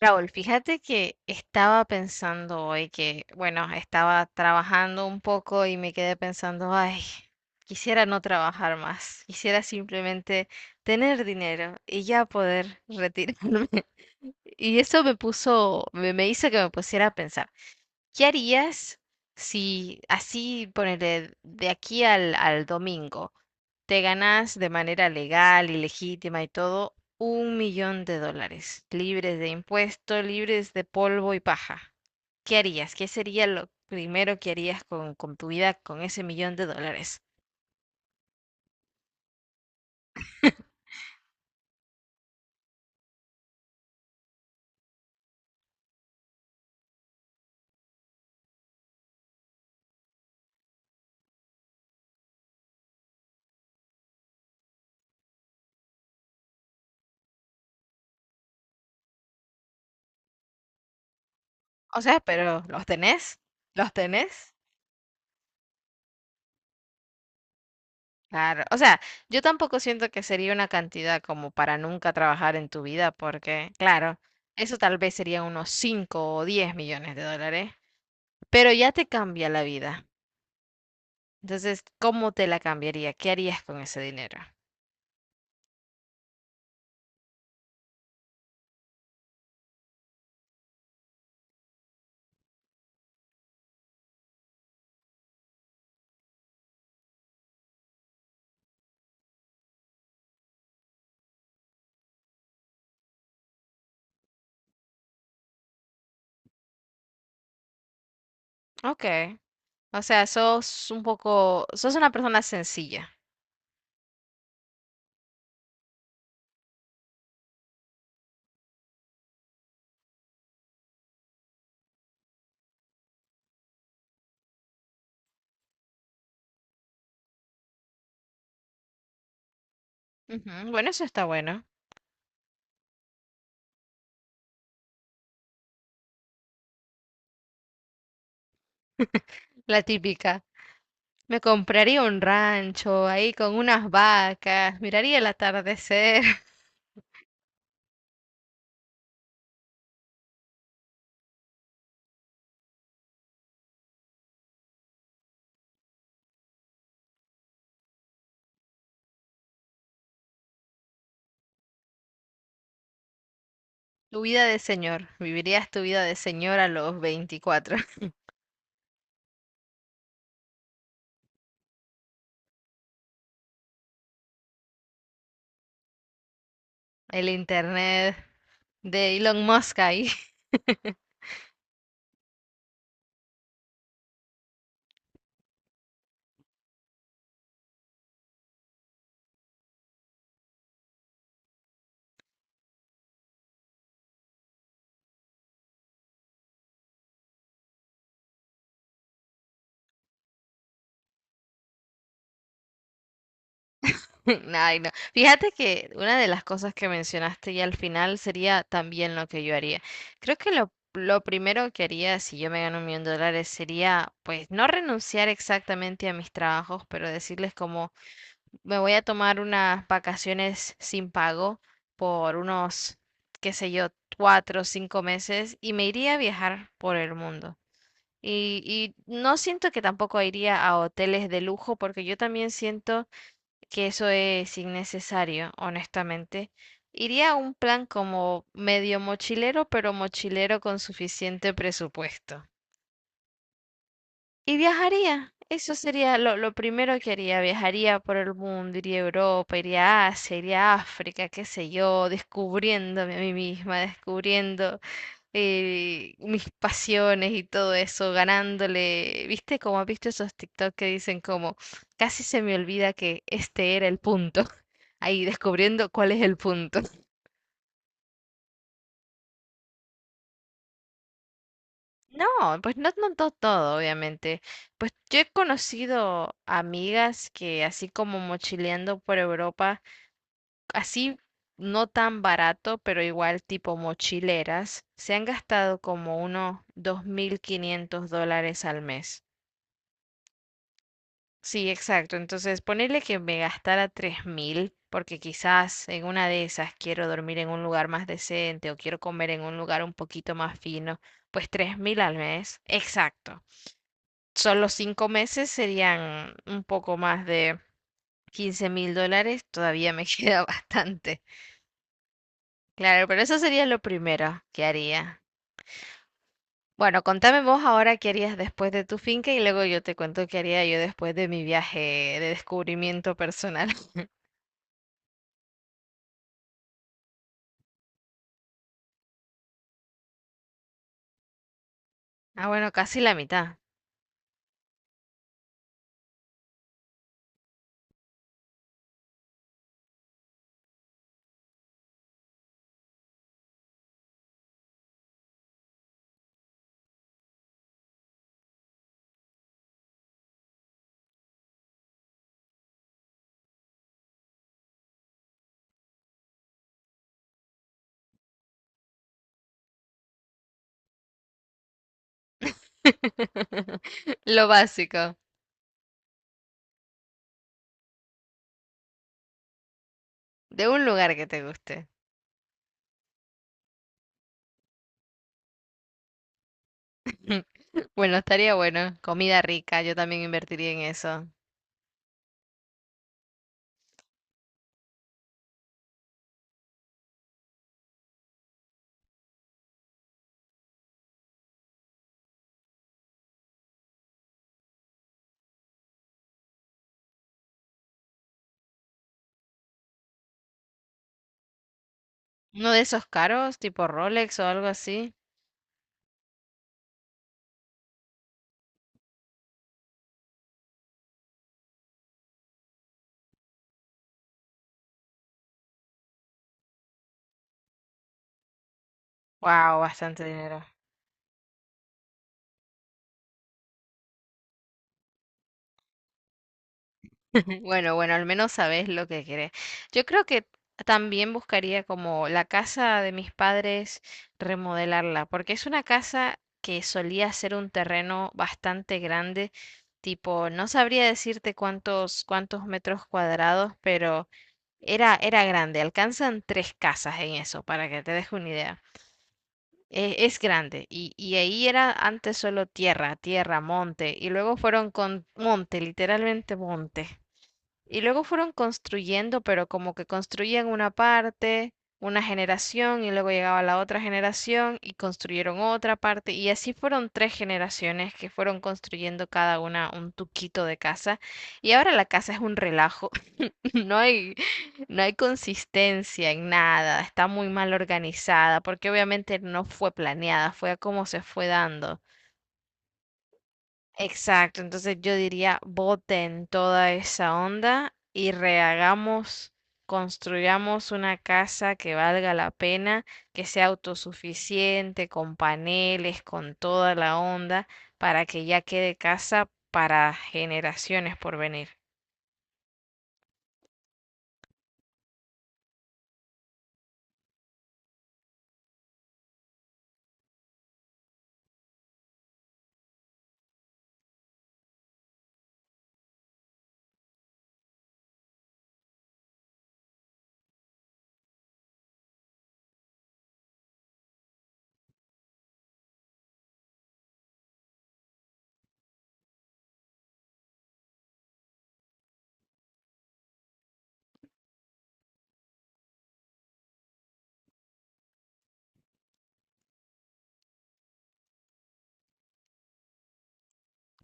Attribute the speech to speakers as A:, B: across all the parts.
A: Raúl, fíjate que estaba pensando hoy que, bueno, estaba trabajando un poco y me quedé pensando, ay, quisiera no trabajar más, quisiera simplemente tener dinero y ya poder retirarme. Y eso me puso, me hizo que me pusiera a pensar. ¿Qué harías si así, ponele, de aquí al domingo, te ganás de manera legal y legítima y todo un millón de dólares, libres de impuestos, libres de polvo y paja? ¿Qué harías? ¿Qué sería lo primero que harías con tu vida con ese millón de dólares? O sea, pero ¿los tenés? ¿Los tenés? Claro, o sea, yo tampoco siento que sería una cantidad como para nunca trabajar en tu vida, porque, claro, eso tal vez sería unos 5 o 10 millones de dólares, pero ya te cambia la vida. Entonces, ¿cómo te la cambiaría? ¿Qué harías con ese dinero? Ok, o sea, sos un poco, sos una persona sencilla. Ujú, bueno, eso está bueno. La típica. Me compraría un rancho ahí con unas vacas, miraría el atardecer. Tu vida de señor. Vivirías tu vida de señor a los 24. El internet de Elon Musk ahí. Ay, no. Fíjate que una de las cosas que mencionaste ya al final sería también lo que yo haría. Creo que lo primero que haría si yo me gano un millón de dólares sería, pues, no renunciar exactamente a mis trabajos, pero decirles como, me voy a tomar unas vacaciones sin pago por unos, qué sé yo, 4 o 5 meses y me iría a viajar por el mundo. Y no siento que tampoco iría a hoteles de lujo porque yo también siento que eso es innecesario, honestamente. Iría a un plan como medio mochilero, pero mochilero con suficiente presupuesto. Y viajaría, eso sería lo primero que haría, viajaría por el mundo, iría a Europa, iría a Asia, iría a África, qué sé yo, descubriéndome a mí misma, descubriendo mis pasiones y todo eso, ganándole, ¿viste? Como has visto esos TikTok que dicen como, casi se me olvida que este era el punto, ahí descubriendo cuál es el punto. No, pues no, todo, obviamente. Pues yo he conocido amigas que así como mochileando por Europa, así no tan barato, pero igual tipo mochileras, se han gastado como unos 2.500 dólares al mes. Sí, exacto. Entonces, ponerle que me gastara 3.000 porque quizás en una de esas quiero dormir en un lugar más decente o quiero comer en un lugar un poquito más fino, pues 3.000 al mes. Exacto. Solo 5 meses serían un poco más de 15.000 dólares, todavía me queda bastante. Claro, pero eso sería lo primero que haría. Bueno, contame vos ahora qué harías después de tu finca y luego yo te cuento qué haría yo después de mi viaje de descubrimiento personal. Ah, bueno, casi la mitad. Lo básico, de un lugar que te guste. Bueno, estaría bueno. Comida rica, yo también invertiría en eso. Uno de esos caros, tipo Rolex o algo así. Wow, bastante dinero. Bueno, bueno, al menos sabes lo que querés. Yo creo que también buscaría como la casa de mis padres remodelarla, porque es una casa que solía ser un terreno bastante grande, tipo, no sabría decirte cuántos metros cuadrados, pero era grande, alcanzan tres casas en eso, para que te deje una idea. Es grande y ahí era antes solo tierra, tierra, monte y luego fueron con monte, literalmente monte. Y luego fueron construyendo, pero como que construían una parte, una generación, y luego llegaba la otra generación y construyeron otra parte, y así fueron tres generaciones que fueron construyendo cada una un tuquito de casa, y ahora la casa es un relajo, no hay, no hay consistencia en nada, está muy mal organizada, porque obviamente no fue planeada, fue a como se fue dando. Exacto, entonces yo diría, boten toda esa onda y rehagamos, construyamos una casa que valga la pena, que sea autosuficiente, con paneles, con toda la onda, para que ya quede casa para generaciones por venir.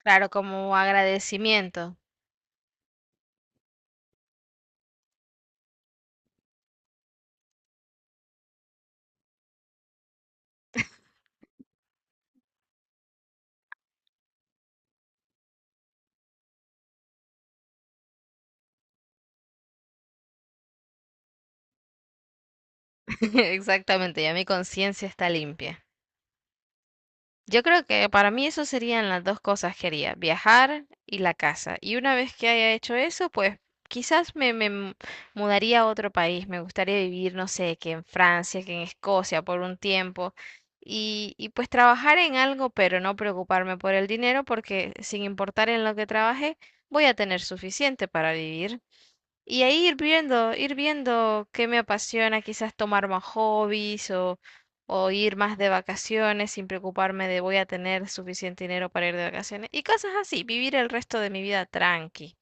A: Claro, como agradecimiento. Exactamente, ya mi conciencia está limpia. Yo creo que para mí eso serían las dos cosas que haría, viajar y la casa. Y una vez que haya hecho eso, pues quizás mudaría a otro país. Me gustaría vivir, no sé, que en Francia, que en Escocia por un tiempo. Y pues trabajar en algo, pero no preocuparme por el dinero, porque sin importar en lo que trabaje, voy a tener suficiente para vivir. Y ahí ir viendo qué me apasiona, quizás tomar más hobbies o ir más de vacaciones sin preocuparme de voy a tener suficiente dinero para ir de vacaciones y cosas así, vivir el resto de mi vida tranqui.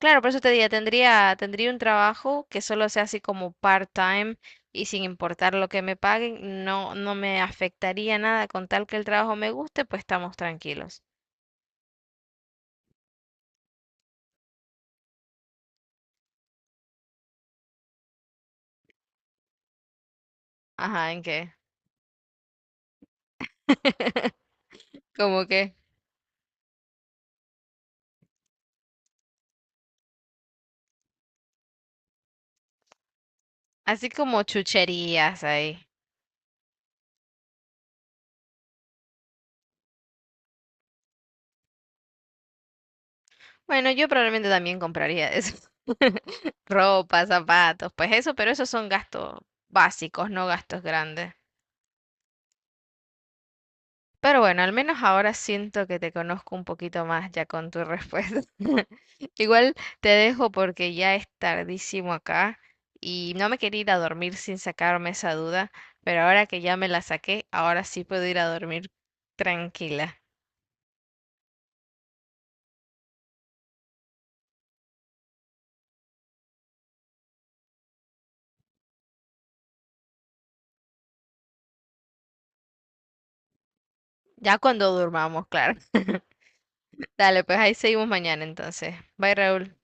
A: Claro, por eso te diría, tendría un trabajo que solo sea así como part-time y sin importar lo que me paguen, no, no me afectaría nada con tal que el trabajo me guste, pues estamos tranquilos. Ajá, ¿en qué? ¿Cómo qué? Así como chucherías ahí. Bueno, yo probablemente también compraría eso. Ropa, zapatos, pues eso, pero esos son gastos básicos, no gastos grandes. Pero bueno, al menos ahora siento que te conozco un poquito más ya con tu respuesta. Igual te dejo porque ya es tardísimo acá y no me quería ir a dormir sin sacarme esa duda, pero ahora que ya me la saqué, ahora sí puedo ir a dormir tranquila. Ya cuando durmamos, claro. Dale, pues ahí seguimos mañana entonces. Bye, Raúl.